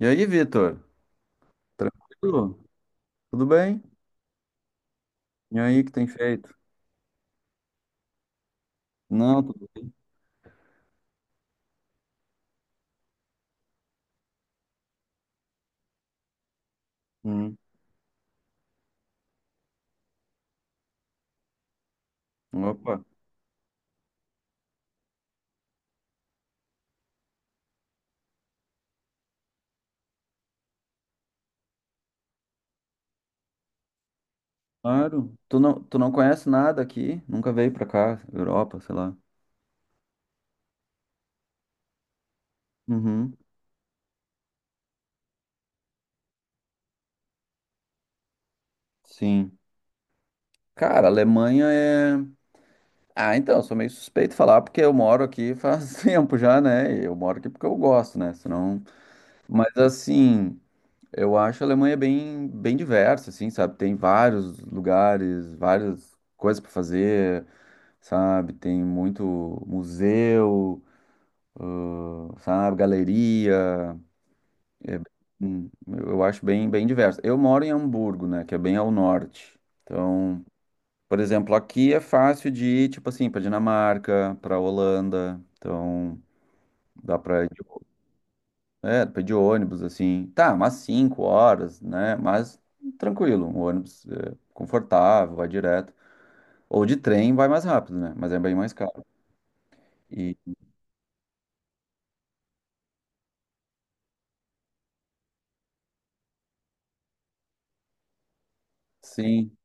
E aí, Vitor? Tranquilo? Tudo bem? E aí, que tem feito? Não, tudo bem. Hum. Opa, claro. Tu não conhece nada aqui? Nunca veio pra cá, Europa, sei lá. Uhum. Sim. Cara, Alemanha é. Ah, então, eu sou meio suspeito de falar porque eu moro aqui faz tempo já, né? E eu moro aqui porque eu gosto, né? Senão... Mas assim, eu acho a Alemanha bem diversa, assim, sabe? Tem vários lugares, várias coisas pra fazer. Sabe? Tem muito museu, sabe? Galeria. É, eu acho bem diverso. Eu moro em Hamburgo, né? Que é bem ao norte. Então, por exemplo, aqui é fácil de ir, tipo assim, para Dinamarca, para Holanda. Então, dá para ir, é, dá pra ir de ônibus, assim. Tá, umas cinco horas, né? Mas tranquilo, um ônibus é, confortável, vai direto. Ou de trem vai mais rápido, né? Mas é bem mais caro. E sim.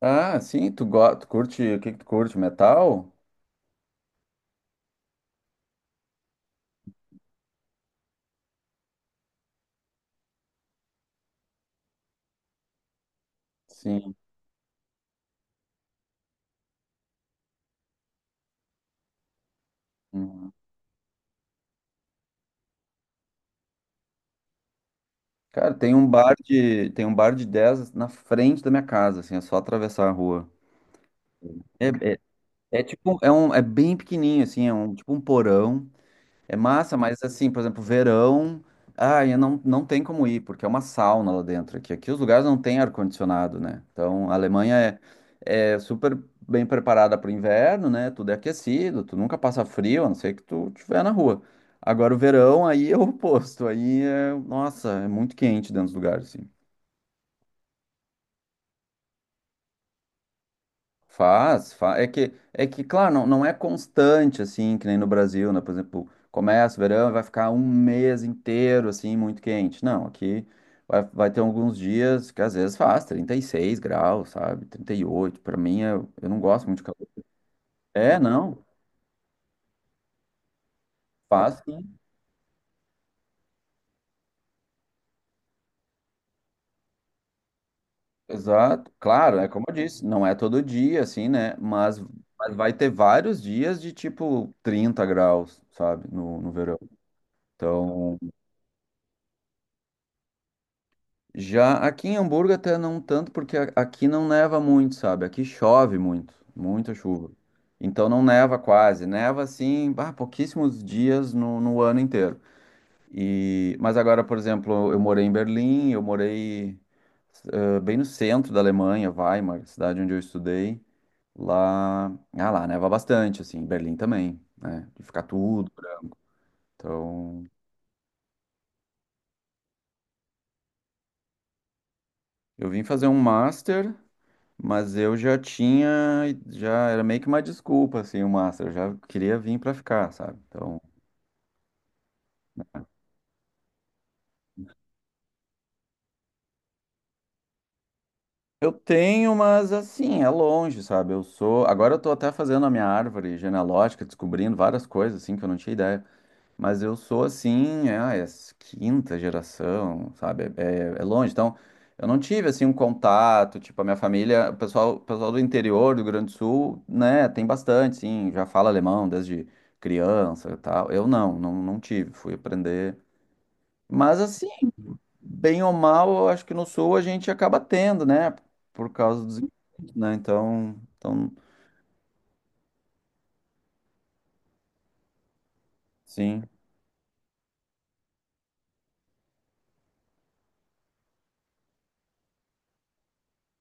Ah, sim, tu, tu curte, o que que tu curte? Metal? Sim. Uhum. Cara, tem um bar de 10 na frente da minha casa, assim, é só atravessar a rua. É, é, é tipo, é bem pequenininho, assim, é um, tipo um porão. É massa, mas assim, por exemplo, verão, ai, não, não tem como ir, porque é uma sauna lá dentro aqui. Aqui os lugares não têm ar-condicionado, né? Então a Alemanha é, é super bem preparada para o inverno, né? Tudo é aquecido, tu nunca passa frio, a não ser que tu estiver na rua. Agora o verão aí é o oposto, aí é, nossa, é muito quente dentro dos lugares, assim. Faz, faz. Claro, não é constante, assim, que nem no Brasil, né? Por exemplo, começa o verão e vai ficar um mês inteiro, assim, muito quente. Não, aqui vai ter alguns dias que às vezes faz 36 graus, sabe? 38. Para mim, eu não gosto muito de calor. É, não, faz sim. Exato. Claro, é como eu disse, não é todo dia, assim, né? Mas vai ter vários dias de, tipo, 30 graus, sabe? No verão. Então. Já aqui em Hamburgo até não tanto, porque aqui não neva muito, sabe? Aqui chove muito, muita chuva. Então não neva quase, neva assim, ah, pouquíssimos dias no ano inteiro. E, mas agora, por exemplo, eu morei em Berlim, bem no centro da Alemanha, Weimar, cidade onde eu estudei. Lá, ah, lá neva bastante, assim, em Berlim também, né? De ficar tudo. Né? Então, eu vim fazer um master. Mas eu já tinha, já era meio que uma desculpa, assim, o Master. Eu já queria vir pra ficar, sabe? Então, eu tenho, mas assim, é longe, sabe? Eu sou. Agora eu tô até fazendo a minha árvore genealógica, descobrindo várias coisas, assim, que eu não tinha ideia. Mas eu sou assim, quinta geração, sabe? É longe. Então, eu não tive assim um contato, tipo, a minha família, o pessoal do interior do Rio Grande do Sul, né, tem bastante, sim, já fala alemão desde criança e tal. Eu não, não tive, fui aprender. Mas assim, bem ou mal, eu acho que no Sul a gente acaba tendo, né? Por causa dos, impostos, né? Então, sim,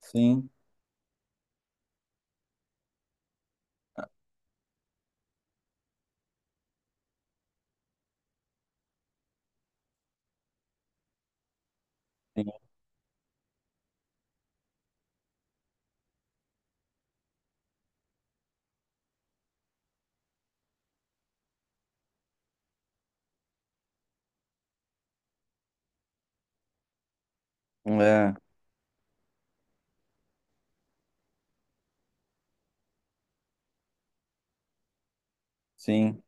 sim, sim, é, sim.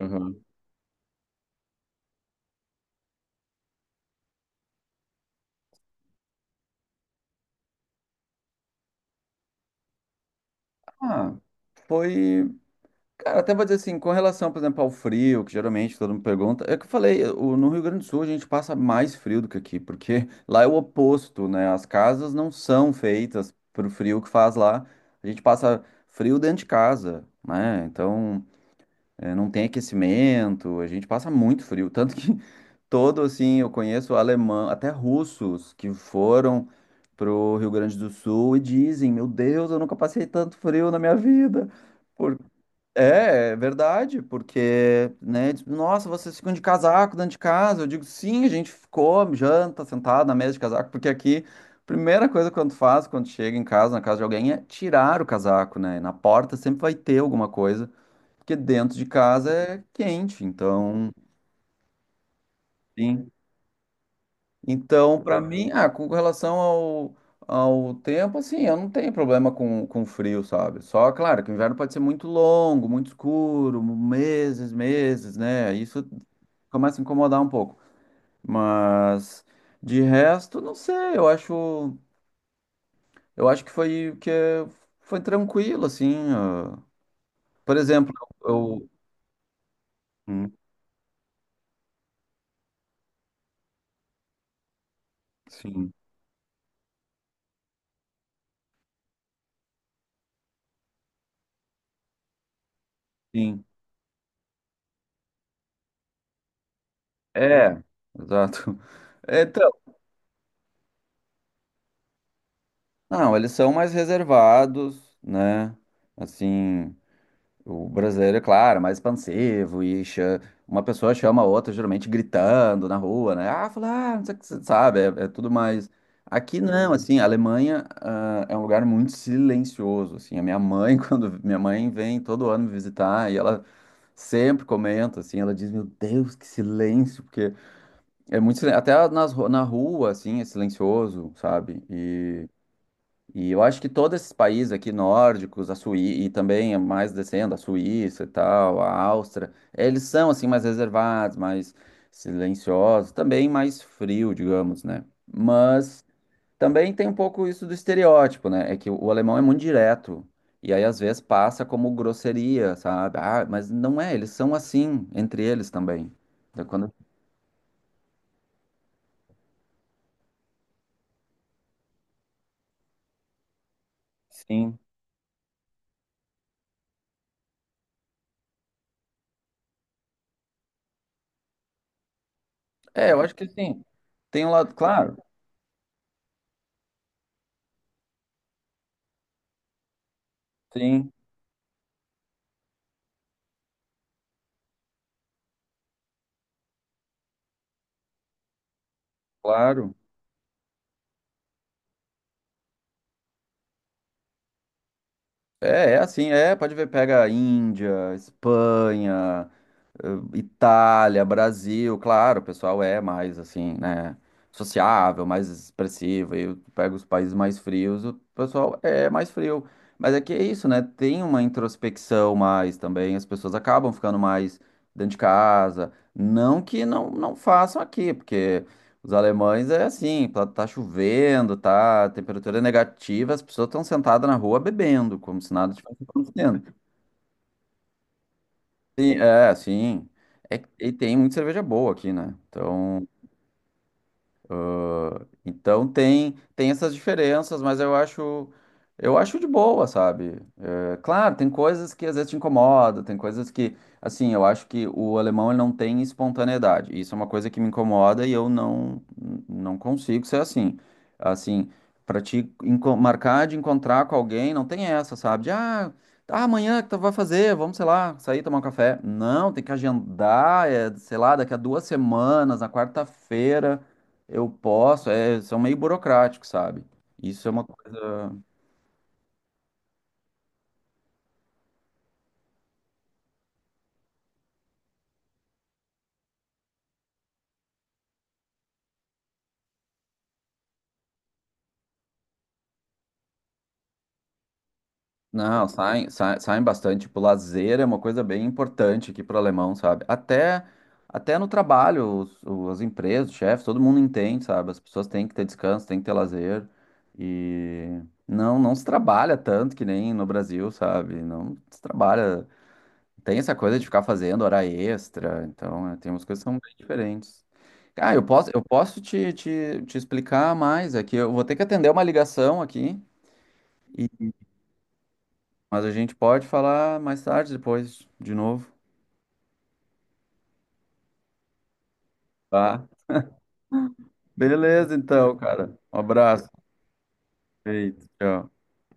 Uhum. Ah, foi. Cara, até vou dizer assim, com relação, por exemplo, ao frio, que geralmente todo mundo pergunta, é que eu falei, no Rio Grande do Sul a gente passa mais frio do que aqui, porque lá é o oposto, né? As casas não são feitas pro frio que faz lá. A gente passa frio dentro de casa, né? Então, é, não tem aquecimento, a gente passa muito frio. Tanto que todo, assim, eu conheço alemão, até russos que foram pro Rio Grande do Sul e dizem, meu Deus, eu nunca passei tanto frio na minha vida. É, é verdade, porque, né, diz, nossa, vocês ficam de casaco dentro de casa. Eu digo, sim, a gente ficou, janta, sentado na mesa de casaco, porque aqui, primeira coisa que tu faz quando chega em casa, na casa de alguém, é tirar o casaco, né? Na porta sempre vai ter alguma coisa, porque dentro de casa é quente, então, sim. Então, para mim, ah, com relação ao, ao tempo, assim, eu não tenho problema com frio, sabe? Só, claro, que o inverno pode ser muito longo, muito escuro, meses, meses, né? Isso começa a incomodar um pouco. Mas, de resto, não sei, eu acho que foi, que é- foi tranquilo, assim. Ah. Por exemplo, eu... Hum, sim, sim. É, exato. É, não, eles são mais reservados, né? Assim, o brasileiro, é claro, é mais expansivo uma pessoa chama a outra, geralmente gritando na rua, né? Ah, fala, ah, não sei o que você sabe, é, é tudo mais. Aqui não, assim, a Alemanha, ah, é um lugar muito silencioso, assim. A minha mãe, quando minha mãe vem todo ano me visitar e ela sempre comenta, assim, ela diz, meu Deus, que silêncio, porque é até nas, na rua, assim, é silencioso, sabe? E eu acho que todos esses países aqui nórdicos, a Suí e também mais descendo, a Suíça e tal, a Áustria, eles são assim mais reservados, mais silenciosos, também mais frio, digamos, né? Mas também tem um pouco isso do estereótipo, né? É que o alemão é muito direto e aí às vezes passa como grosseria, sabe? Ah, mas não é, eles são assim entre eles também. Então, quando... Sim. É, eu acho que sim. Tem um lado, claro. Sim, claro. É, é assim, é, pode ver, pega Índia, Espanha, eh, Itália, Brasil, claro, o pessoal é mais assim, né, sociável, mais expressivo, aí eu pego os países mais frios, o pessoal é mais frio, mas é que é isso, né, tem uma introspecção mais também, as pessoas acabam ficando mais dentro de casa, não que não façam aqui, porque os alemães é assim, tá chovendo, tá, a temperatura é negativa, as pessoas estão sentadas na rua bebendo, como se nada estivesse acontecendo. Sim. É, e tem muita cerveja boa aqui, né? Então, então tem, tem essas diferenças, mas eu acho de boa, sabe? É, claro, tem coisas que às vezes te incomodam, tem coisas que, assim, eu acho que o alemão ele não tem espontaneidade. Isso é uma coisa que me incomoda e eu não não consigo ser assim. Assim, para marcar de encontrar com alguém, não tem essa, sabe? Ah, amanhã que tu vai fazer? Vamos, sei lá, sair tomar um café. Não, tem que agendar, é, sei lá, daqui a duas semanas, na quarta-feira. Eu posso, é, são meio burocráticos, sabe? Isso é uma coisa. Não, saem, saem, bastante. Tipo, lazer é uma coisa bem importante aqui para o alemão, sabe? Até no trabalho, as empresas, os chefes, todo mundo entende, sabe? As pessoas têm que ter descanso, têm que ter lazer. E não se trabalha tanto que nem no Brasil, sabe? Não se trabalha. Tem essa coisa de ficar fazendo hora extra, então é, tem umas coisas que são bem diferentes. Ah, eu posso te explicar mais aqui. Eu vou ter que atender uma ligação aqui, e- mas a gente pode falar mais tarde, depois, de novo. Tá? Beleza, então, cara. Um abraço. Feito. Tchau.